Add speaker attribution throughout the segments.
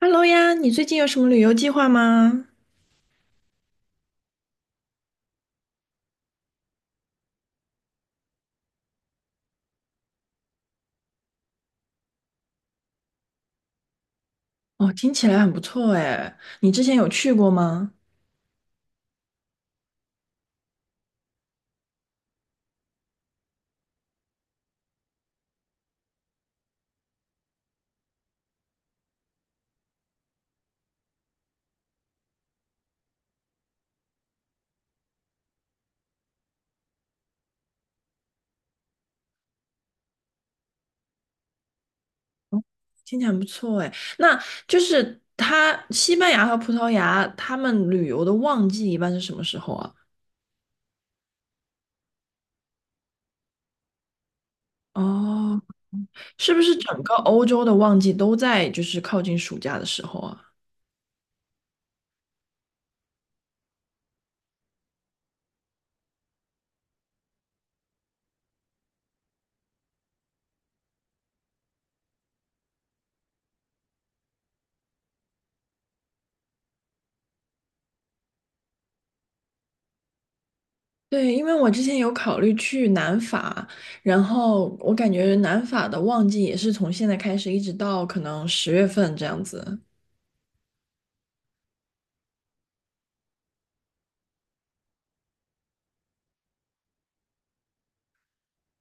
Speaker 1: Hello 呀，你最近有什么旅游计划吗？哦，听起来很不错哎，你之前有去过吗？听起来很不错哎，那就是它西班牙和葡萄牙，他们旅游的旺季一般是什么时候啊？哦，是不是整个欧洲的旺季都在就是靠近暑假的时候啊？对，因为我之前有考虑去南法，然后我感觉南法的旺季也是从现在开始一直到可能10月份这样子。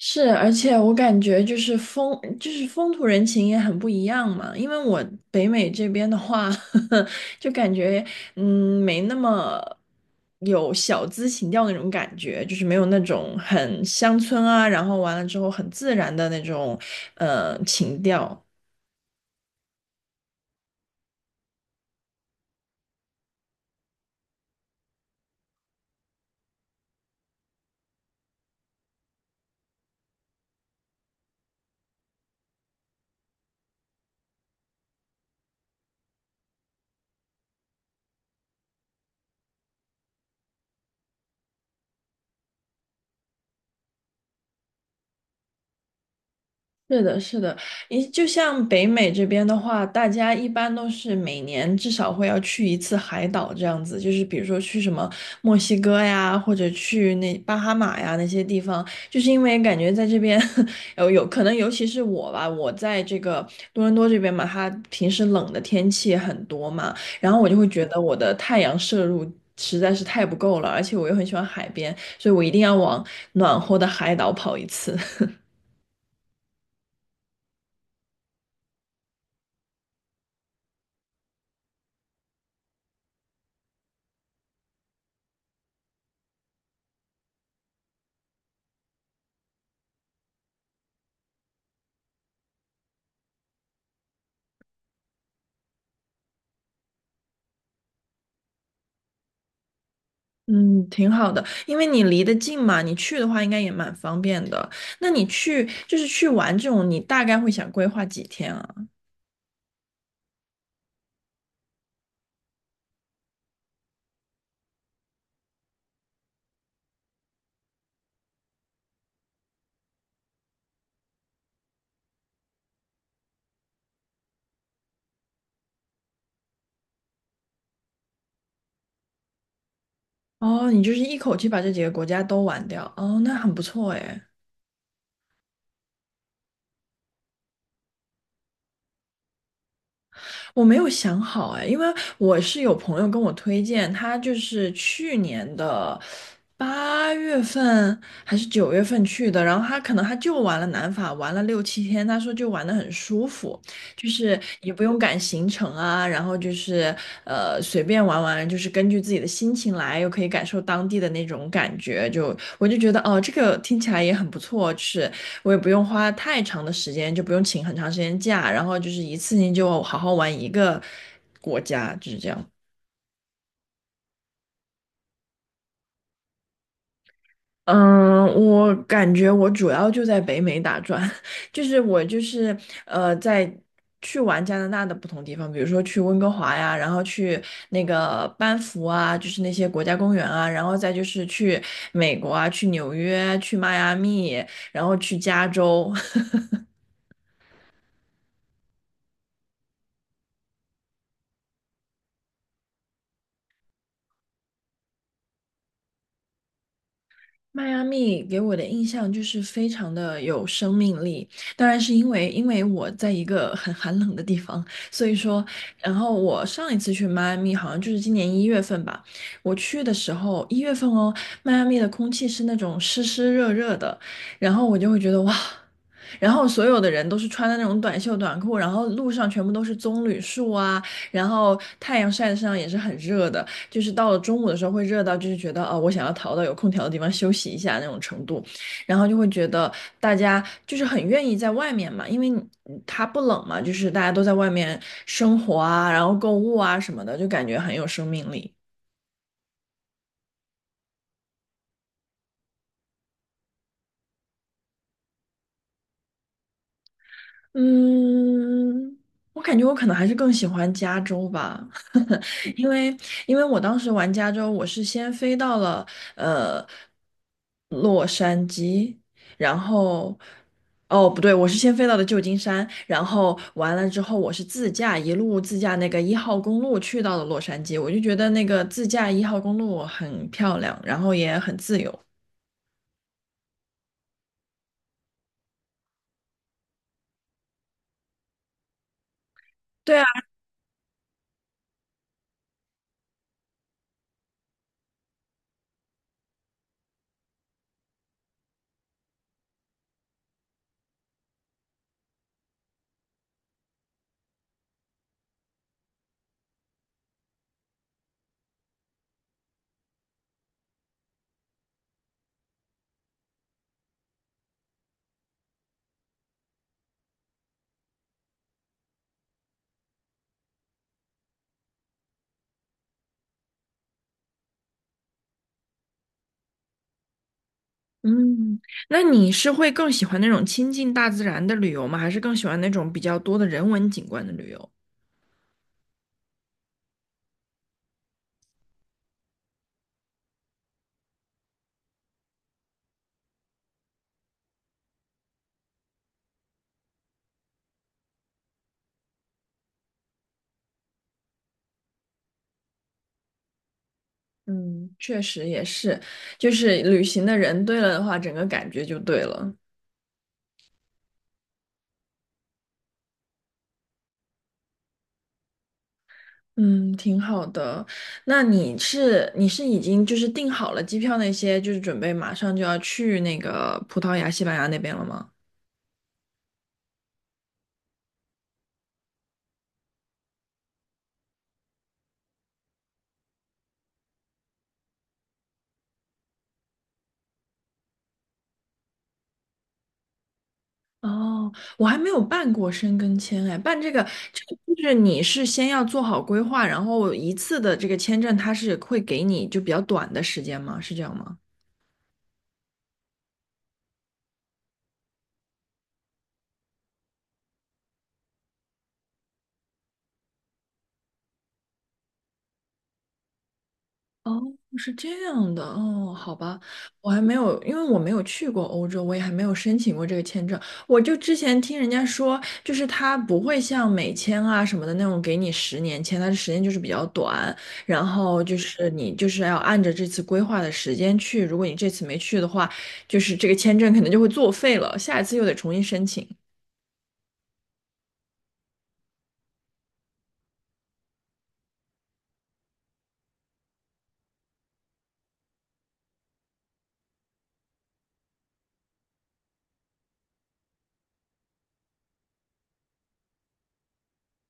Speaker 1: 是，而且我感觉就是风，就是风土人情也很不一样嘛。因为我北美这边的话，就感觉没那么有小资情调那种感觉，就是没有那种很乡村啊，然后完了之后很自然的那种情调。是的，是的，一就像北美这边的话，大家一般都是每年至少会要去一次海岛这样子，就是比如说去什么墨西哥呀，或者去那巴哈马呀那些地方，就是因为感觉在这边 有可能，尤其是我吧，我在这个多伦多这边嘛，它平时冷的天气很多嘛，然后我就会觉得我的太阳摄入。实在是太不够了，而且我又很喜欢海边，所以我一定要往暖和的海岛跑一次。嗯，挺好的，因为你离得近嘛，你去的话应该也蛮方便的。那你去就是去玩这种，你大概会想规划几天啊？哦，你就是一口气把这几个国家都玩掉，哦，那很不错诶。我没有想好哎，因为我是有朋友跟我推荐，他就是去年的8月份还是9月份去的，然后他可能他就玩了南法，玩了6、7天，他说就玩的很舒服，就是也不用赶行程啊，然后就是随便玩玩，就是根据自己的心情来，又可以感受当地的那种感觉，就我就觉得哦，这个听起来也很不错，是我也不用花太长的时间，就不用请很长时间假，然后就是一次性就好好玩一个国家，就是这样。嗯，我感觉我主要就在北美打转，就是我在去玩加拿大的不同地方，比如说去温哥华呀，然后去那个班夫啊，就是那些国家公园啊，然后再就是去美国啊，去纽约啊，去迈阿密，然后去加州。迈阿密给我的印象就是非常的有生命力，当然是因为我在一个很寒冷的地方，所以说，然后我上一次去迈阿密好像就是今年一月份吧，我去的时候一月份哦，迈阿密的空气是那种湿湿热热的，然后我就会觉得哇，然后所有的人都是穿的那种短袖短裤，然后路上全部都是棕榈树啊，然后太阳晒在身上也是很热的，就是到了中午的时候会热到就是觉得哦，我想要逃到有空调的地方休息一下那种程度，然后就会觉得大家就是很愿意在外面嘛，因为它不冷嘛，就是大家都在外面生活啊，然后购物啊什么的，就感觉很有生命力。嗯，我感觉我可能还是更喜欢加州吧，因为因为我当时玩加州，我是先飞到了呃洛杉矶，然后哦不对，我是先飞到了旧金山，然后完了之后我是自驾一路自驾那个一号公路去到了洛杉矶，我就觉得那个自驾一号公路很漂亮，然后也很自由。对啊。嗯，那你是会更喜欢那种亲近大自然的旅游吗？还是更喜欢那种比较多的人文景观的旅游？嗯，确实也是，就是旅行的人对了的话，整个感觉就对了。嗯，挺好的。那你是已经就是订好了机票那些，就是准备马上就要去那个葡萄牙、西班牙那边了吗？哦，我还没有办过申根签哎，办这个就是你是先要做好规划，然后一次的这个签证它是会给你就比较短的时间吗？是这样吗？哦，是这样的哦，好吧，我还没有，因为我没有去过欧洲，我也还没有申请过这个签证。我就之前听人家说，就是它不会像美签啊什么的那种给你10年签，它的时间就是比较短，然后就是你就是要按着这次规划的时间去，如果你这次没去的话，就是这个签证可能就会作废了，下一次又得重新申请。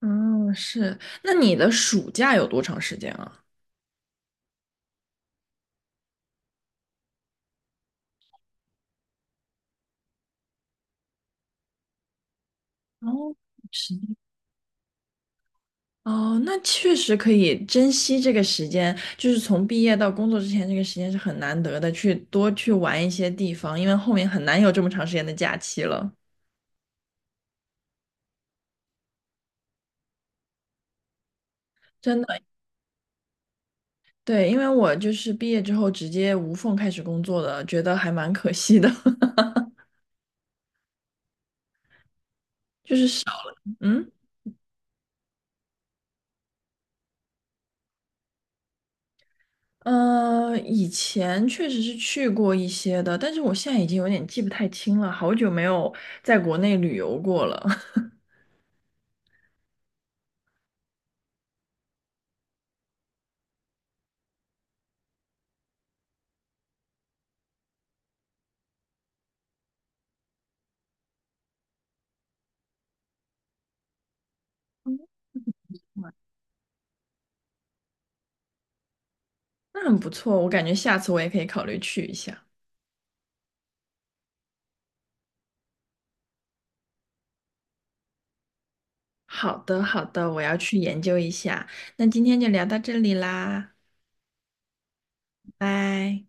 Speaker 1: 嗯，是。那你的暑假有多长时间啊？哦，是。哦，那确实可以珍惜这个时间，就是从毕业到工作之前，这个时间是很难得的，去多去玩一些地方，因为后面很难有这么长时间的假期了。真的，对，因为我就是毕业之后直接无缝开始工作的，觉得还蛮可惜的。嗯，呃，以前确实是去过一些的，但是我现在已经有点记不太清了，好久没有在国内旅游过了。那很不错，我感觉下次我也可以考虑去一下。好的，好的，我要去研究一下。那今天就聊到这里啦，拜。